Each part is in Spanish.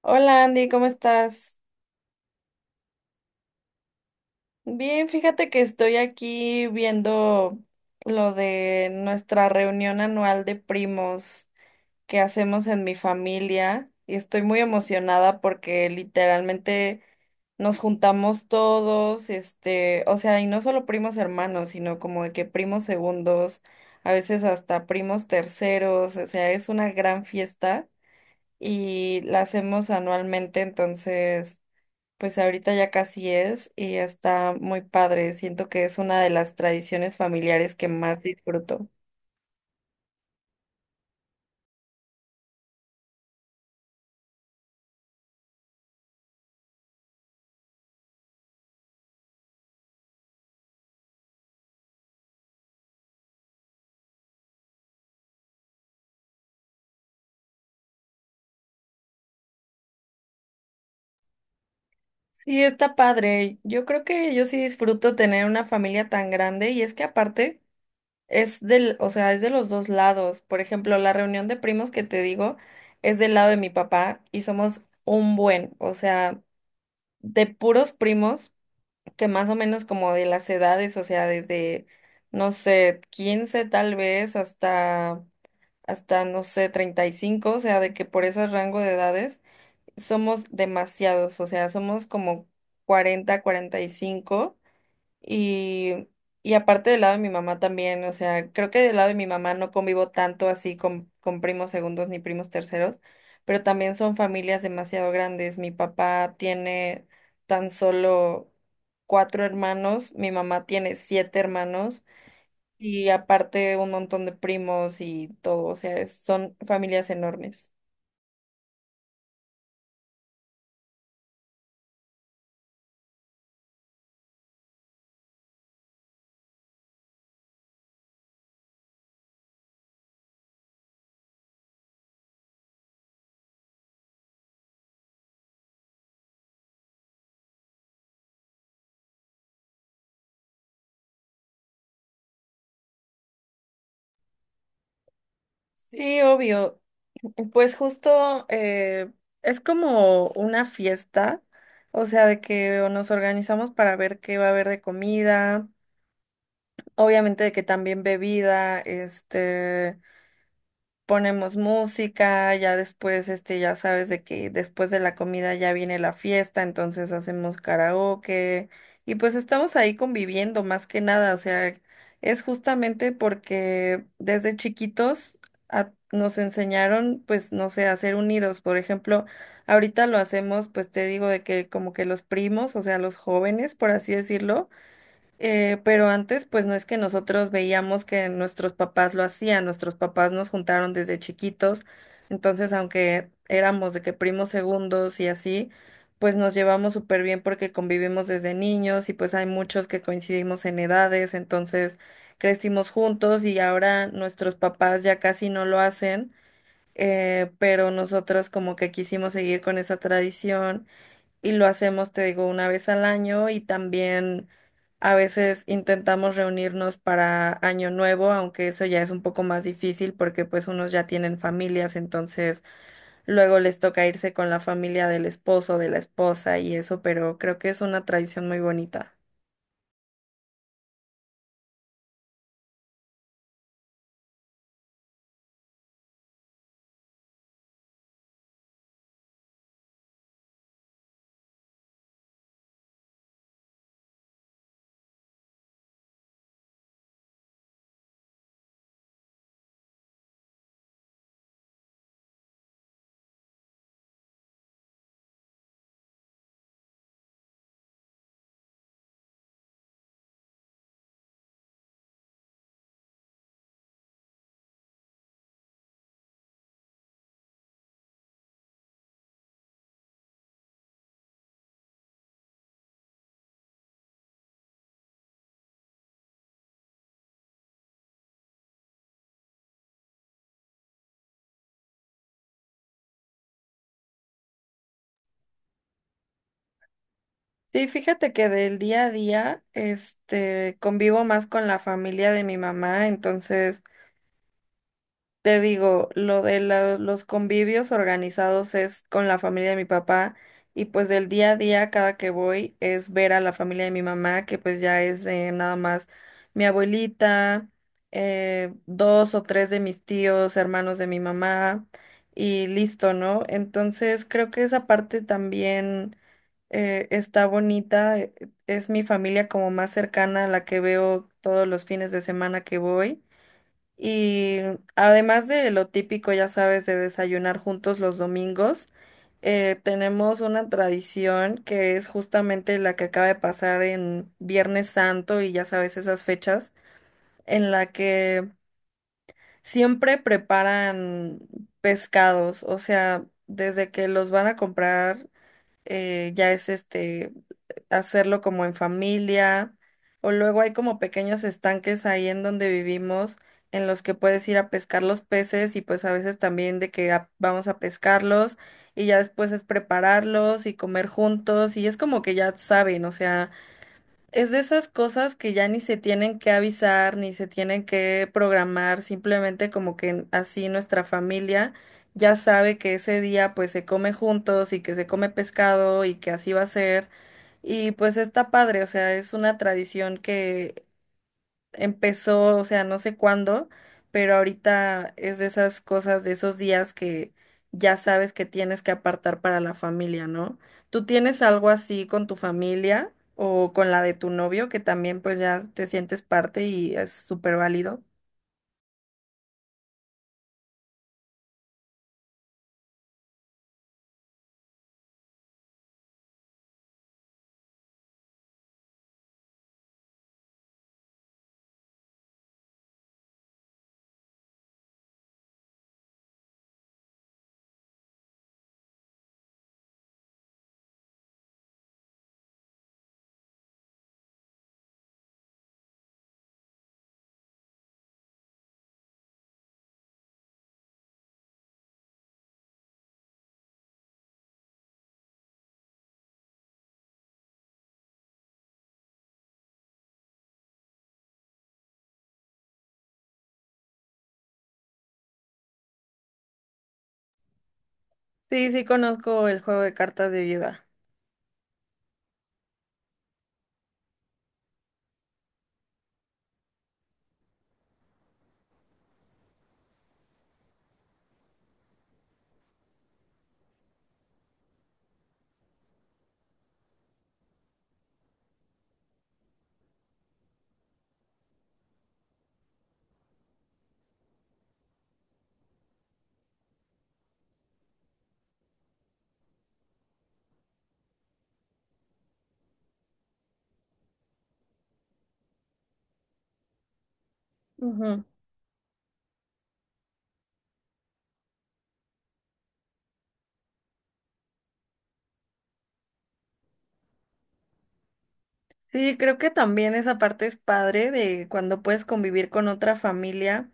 Hola Andy, ¿cómo estás? Bien, fíjate que estoy aquí viendo lo de nuestra reunión anual de primos que hacemos en mi familia y estoy muy emocionada porque literalmente nos juntamos todos, este, o sea, y no solo primos hermanos, sino como de que primos segundos, a veces hasta primos terceros, o sea, es una gran fiesta y la hacemos anualmente, entonces... Pues ahorita ya casi es y está muy padre. Siento que es una de las tradiciones familiares que más disfruto. Sí, está padre. Yo creo que yo sí disfruto tener una familia tan grande y es que aparte es del, o sea, es de los dos lados. Por ejemplo, la reunión de primos que te digo es del lado de mi papá y somos un buen, o sea, de puros primos que más o menos como de las edades, o sea, desde, no sé, 15 tal vez hasta, no sé, 35 o sea, de que por ese rango de edades somos demasiados, o sea, somos como 40, 45 y, cinco y aparte del lado de mi mamá también, o sea, creo que del lado de mi mamá no convivo tanto así con primos segundos ni primos terceros, pero también son familias demasiado grandes. Mi papá tiene tan solo cuatro hermanos, mi mamá tiene siete hermanos. Y aparte un montón de primos y todo, o sea, es- son familias enormes. Sí, obvio. Pues justo es como una fiesta, o sea, de que nos organizamos para ver qué va a haber de comida, obviamente de que también bebida, este... Ponemos música, ya después, este, ya sabes de que después de la comida ya viene la fiesta, entonces hacemos karaoke y pues estamos ahí conviviendo más que nada, o sea, es justamente porque desde chiquitos a- nos enseñaron, pues, no sé, a ser unidos, por ejemplo, ahorita lo hacemos, pues te digo de que como que los primos, o sea, los jóvenes, por así decirlo, pero antes, pues no es que nosotros veíamos que nuestros papás lo hacían, nuestros papás nos juntaron desde chiquitos, entonces aunque éramos de que primos segundos y así, pues nos llevamos súper bien porque convivimos desde niños y pues hay muchos que coincidimos en edades, entonces crecimos juntos y ahora nuestros papás ya casi no lo hacen, pero nosotros como que quisimos seguir con esa tradición y lo hacemos, te digo, una vez al año y también a veces intentamos reunirnos para Año Nuevo, aunque eso ya es un poco más difícil porque pues unos ya tienen familias, entonces luego les toca irse con la familia del esposo, de la esposa y eso, pero creo que es una tradición muy bonita. Sí, fíjate que del día a día, este, convivo más con la familia de mi mamá, entonces te digo, lo de la- los convivios organizados es con la familia de mi papá y pues del día a día cada que voy es ver a la familia de mi mamá, que pues ya es nada más mi abuelita, dos o tres de mis tíos, hermanos de mi mamá y listo, ¿no? Entonces creo que esa parte también está bonita, es mi familia como más cercana a la que veo todos los fines de semana que voy. Y además de lo típico, ya sabes, de desayunar juntos los domingos, tenemos una tradición que es justamente la que acaba de pasar en Viernes Santo y ya sabes esas fechas, en la que siempre preparan pescados, o sea, desde que los van a comprar ya es este hacerlo como en familia, o luego hay como pequeños estanques ahí en donde vivimos en los que puedes ir a pescar los peces y pues a veces también de que a- vamos a pescarlos y ya después es prepararlos y comer juntos y es como que ya saben, o sea, es de esas cosas que ya ni se tienen que avisar, ni se tienen que programar, simplemente como que así nuestra familia ya sabe que ese día pues se come juntos y que se come pescado y que así va a ser. Y pues está padre, o sea, es una tradición que empezó, o sea, no sé cuándo, pero ahorita es de esas cosas, de esos días que ya sabes que tienes que apartar para la familia, ¿no? ¿Tú tienes algo así con tu familia o con la de tu novio que también pues ya te sientes parte y es súper válido? Sí, sí conozco el juego de cartas de viuda. Ujú. Sí, creo que también esa parte es padre de cuando puedes convivir con otra familia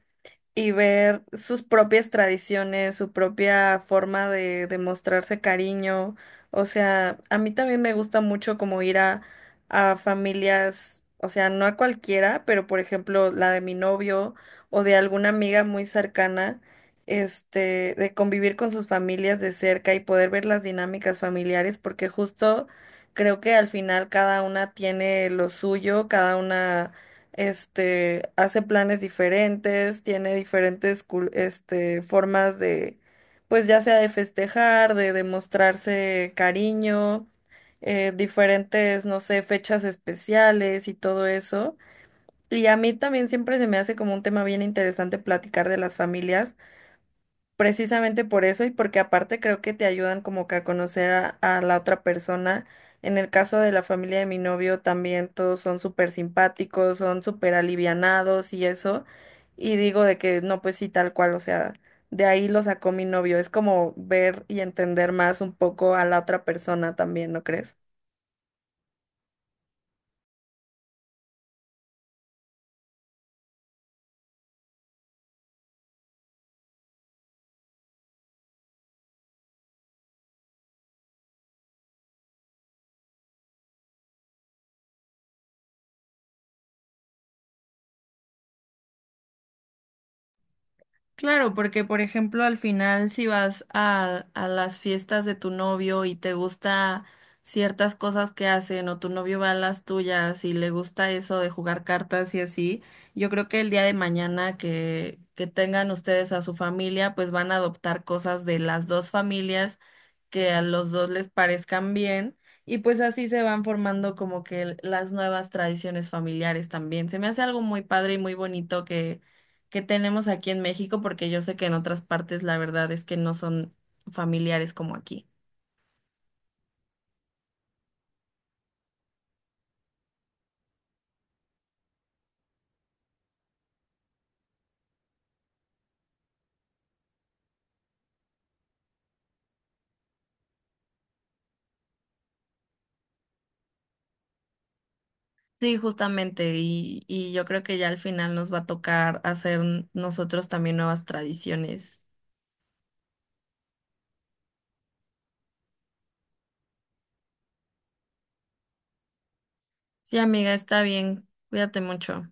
y ver sus propias tradiciones, su propia forma de mostrarse cariño. O sea, a mí también me gusta mucho como ir a familias, o sea, no a cualquiera, pero por ejemplo la de mi novio o de alguna amiga muy cercana, este, de convivir con sus familias de cerca y poder ver las dinámicas familiares, porque justo creo que al final cada una tiene lo suyo, cada una este, hace planes diferentes, tiene diferentes cul- este, formas de, pues ya sea de festejar, de demostrarse cariño, diferentes, no sé, fechas especiales y todo eso. Y a mí también siempre se me hace como un tema bien interesante platicar de las familias. Precisamente por eso y porque aparte creo que te ayudan como que a conocer a la otra persona. En el caso de la familia de mi novio también todos son súper simpáticos, son súper alivianados y eso. Y digo de que no, pues sí, tal cual, o sea, de ahí lo sacó mi novio. Es como ver y entender más un poco a la otra persona también, ¿no crees? Claro, porque por ejemplo al final si vas a las fiestas de tu novio y te gusta ciertas cosas que hacen o tu novio va a las tuyas y le gusta eso de jugar cartas y así, yo creo que el día de mañana que tengan ustedes a su familia, pues van a adoptar cosas de las dos familias que a los dos les parezcan bien y pues así se van formando como que las nuevas tradiciones familiares también. Se me hace algo muy padre y muy bonito que tenemos aquí en México, porque yo sé que en otras partes la verdad es que no son familiares como aquí. Sí, justamente, y yo creo que ya al final nos va a tocar hacer nosotros también nuevas tradiciones. Sí, amiga, está bien, cuídate mucho.